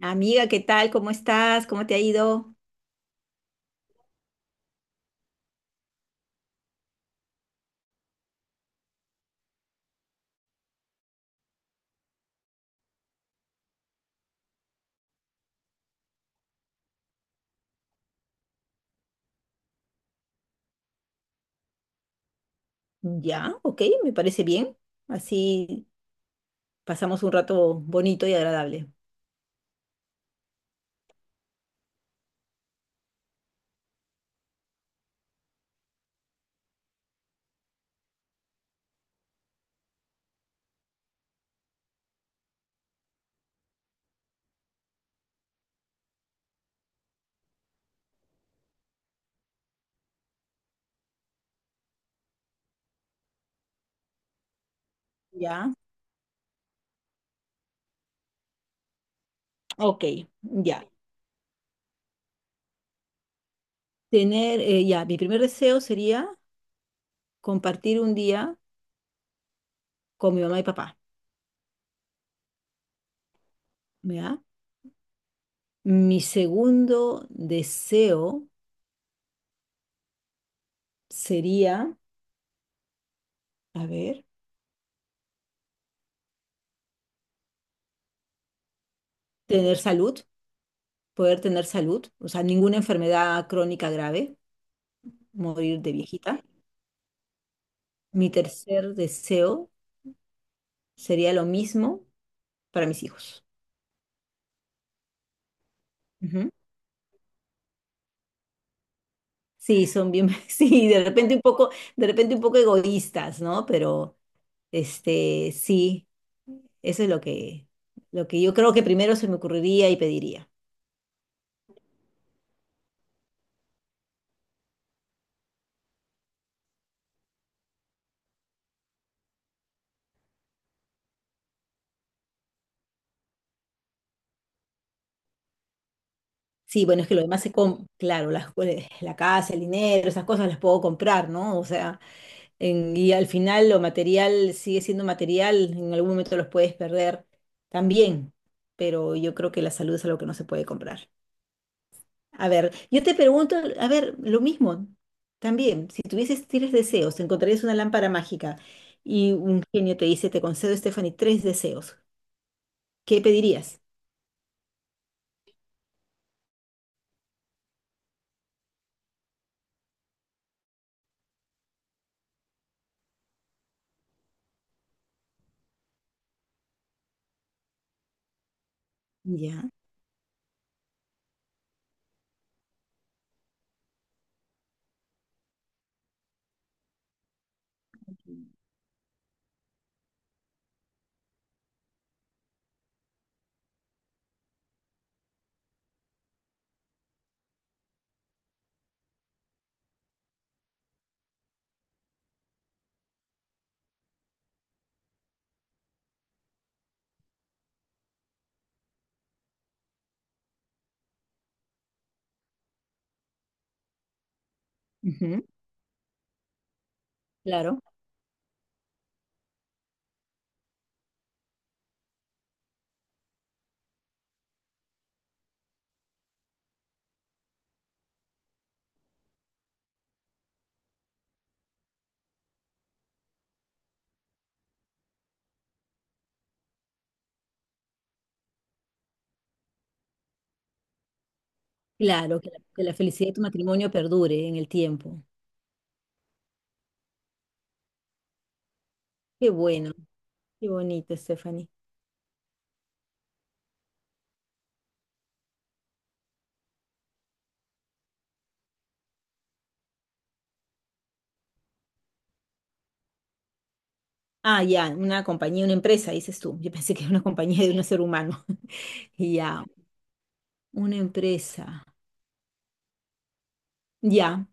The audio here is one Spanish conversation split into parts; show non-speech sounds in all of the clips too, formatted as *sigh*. Amiga, ¿qué tal? ¿Cómo estás? ¿Cómo te ha ido? Ya, ok, me parece bien. Así pasamos un rato bonito y agradable. Ya, ok, ya. Ya, mi primer deseo sería compartir un día con mi mamá y papá, ¿ya? Mi segundo deseo sería, a ver, tener salud, poder tener salud, o sea, ninguna enfermedad crónica grave, morir de viejita. Mi tercer deseo sería lo mismo para mis hijos. Ujú. Sí, son bien, *laughs* sí, de repente un poco egoístas, ¿no? Pero sí, eso es lo que yo creo que primero se me ocurriría y pediría. Sí, bueno, es que lo demás se compra, claro, la casa, el dinero, esas cosas las puedo comprar, ¿no? O sea, y al final lo material sigue siendo material, en algún momento los puedes perder también, pero yo creo que la salud es algo que no se puede comprar. A ver, yo te pregunto, a ver, lo mismo también, si tuvieses tres deseos, te encontrarías una lámpara mágica y un genio te dice, te concedo, Stephanie, tres deseos, ¿qué pedirías? Ya. Ujú, claro, claro, que la felicidad de tu matrimonio perdure en el tiempo. Qué bueno, qué bonito, Stephanie. Ah, ya, una compañía, una empresa, dices tú. Yo pensé que era una compañía de un ser humano. *laughs* Ya, una empresa. Ya,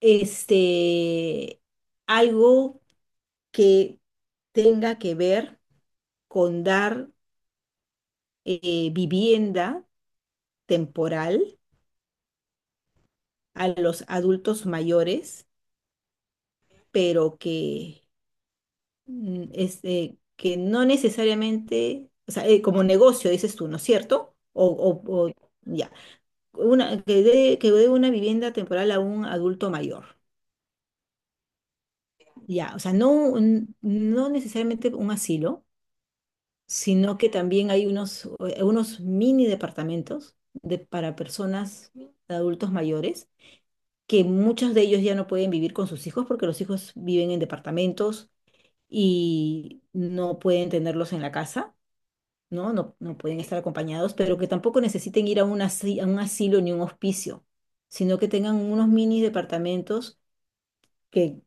este, algo que tenga que ver con dar vivienda temporal a los adultos mayores, pero que, que no necesariamente, o sea, como negocio, dices tú, ¿no es cierto? Ya. Una, que dé, una vivienda temporal a un adulto mayor. Ya, o sea, no, no necesariamente un asilo, sino que también hay unos mini departamentos para personas, adultos mayores, que muchos de ellos ya no pueden vivir con sus hijos porque los hijos viven en departamentos y no pueden tenerlos en la casa. ¿No? No, no pueden estar acompañados, pero que tampoco necesiten ir a a un asilo ni un hospicio, sino que tengan unos mini departamentos que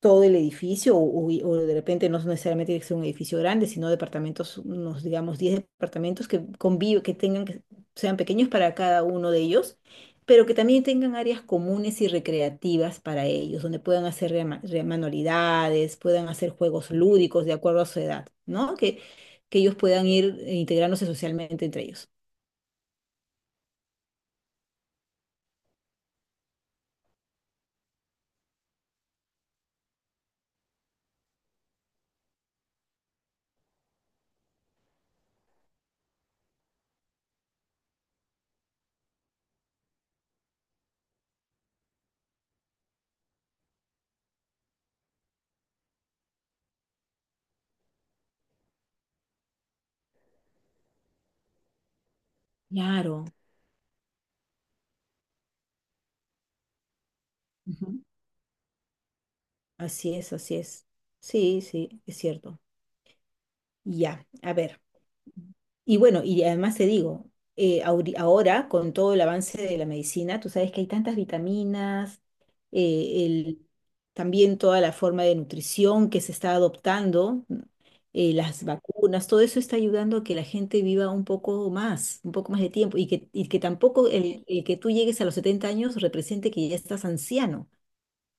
todo el edificio, o de repente no necesariamente tiene que ser un edificio grande, sino departamentos, unos digamos 10 departamentos que conviven, que tengan, que sean pequeños para cada uno de ellos, pero que también tengan áreas comunes y recreativas para ellos, donde puedan hacer manualidades, puedan hacer juegos lúdicos de acuerdo a su edad, ¿no? Que ellos puedan ir integrándose socialmente entre ellos. Claro. Ujú. Así es, así es. Sí, sí, es cierto. Ya, a ver. Y bueno, y además te digo, ahora con todo el avance de la medicina, tú sabes que hay tantas vitaminas, eh, el, también toda la forma de nutrición que se está adoptando, ¿no? Las vacunas, todo eso está ayudando a que la gente viva un poco más de tiempo, y que tampoco el que tú llegues a los 70 años represente que ya estás anciano.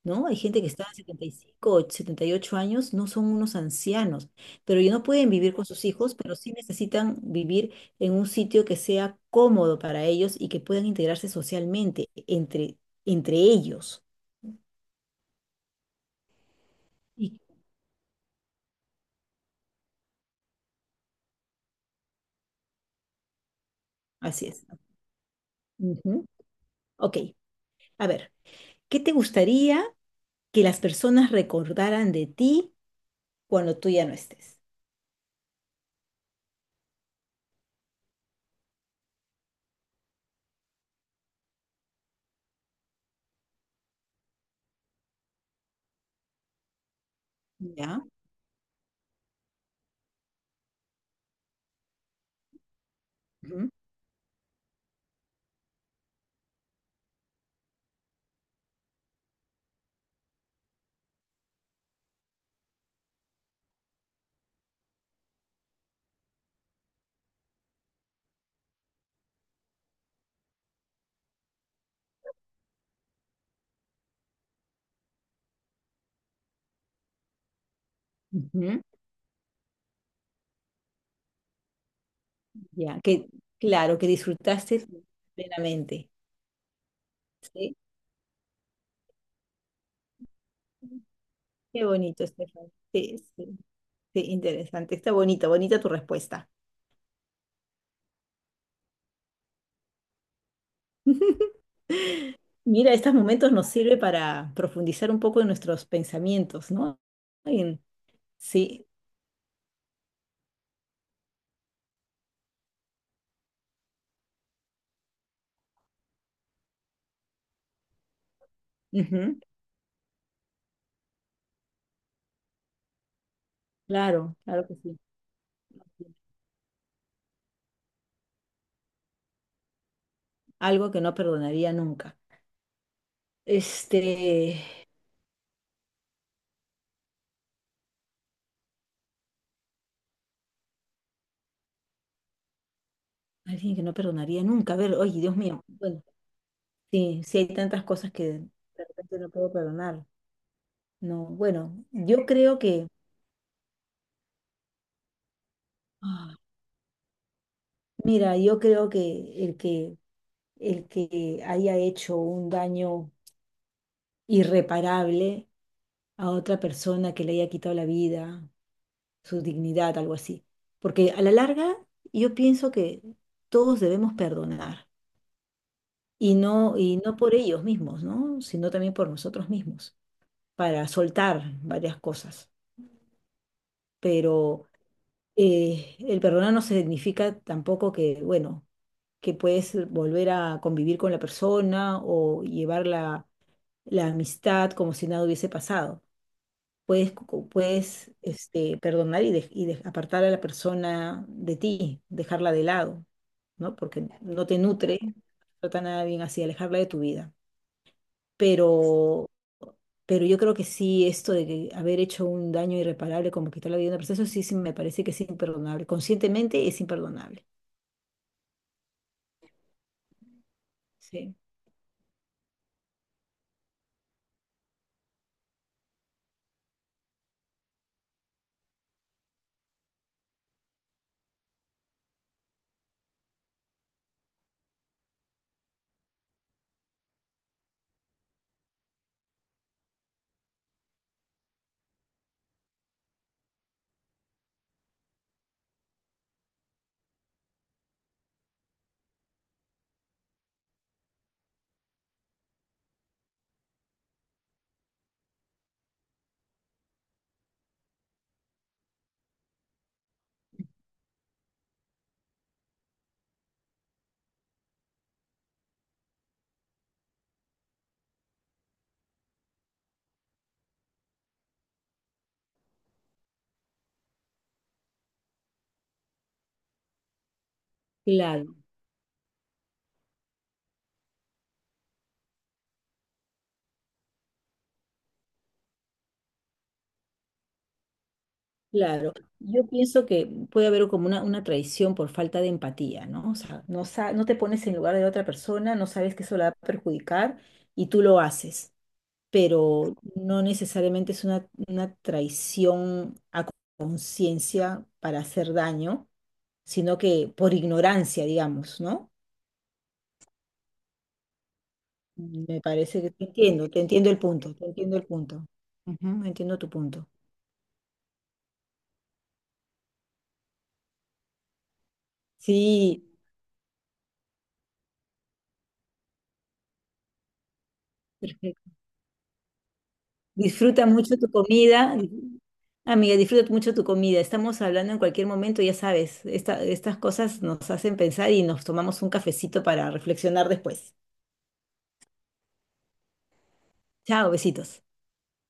¿No? Hay gente que está en 75, 78 años, no son unos ancianos, pero ellos no pueden vivir con sus hijos, pero sí necesitan vivir en un sitio que sea cómodo para ellos y que puedan integrarse socialmente entre ellos. Y así es. Ujú. Ok, a ver, ¿qué te gustaría que las personas recordaran de ti cuando tú ya no estés? ¿Ya? Ujú. Ujú. Ya, que claro, que disfrutaste plenamente, ¿sí? Qué bonito, Estefan. Sí, sí, sí, interesante. Está bonito, bonita tu respuesta. *laughs* Mira, estos momentos nos sirve para profundizar un poco en nuestros pensamientos, ¿no? En- sí, ujú, claro, claro que sí. Algo que no perdonaría nunca. Este, alguien que no perdonaría nunca. A ver, oye, Dios mío. Bueno, sí, sí hay tantas cosas que de repente no puedo perdonar. No, bueno, ah, mira, yo creo que el que haya hecho un daño irreparable a otra persona, que le haya quitado la vida, su dignidad, algo así. Porque a la larga yo pienso que todos debemos perdonar, y no, por ellos mismos, ¿no? Sino también por nosotros mismos, para soltar varias cosas. Pero el perdonar no significa tampoco que, bueno, que puedes volver a convivir con la persona o llevarla la amistad como si nada hubiese pasado. Puedes, perdonar y, apartar a la persona de ti, dejarla de lado, ¿no? Porque no te nutre, no trata nada bien así, alejarla de tu vida. Pero, pero yo creo que sí, esto de que haber hecho un daño irreparable, como quitar la vida de una persona, eso sí, sí me parece que es imperdonable. Conscientemente es imperdonable. Sí. Claro. Claro, yo pienso que puede haber como una, traición por falta de empatía, ¿no? O sea, no, no te pones en lugar de la otra persona, no sabes que eso la va a perjudicar y tú lo haces, pero no necesariamente es una, traición a conciencia para hacer daño, sino que por ignorancia, digamos, ¿no? Me parece que te entiendo el punto, te entiendo el punto. Ujú, entiendo tu punto. Sí, disfruta mucho tu comida. Amiga, disfruta mucho tu comida. Estamos hablando en cualquier momento, ya sabes, estas cosas nos hacen pensar y nos tomamos un cafecito para reflexionar después. Chao, besitos.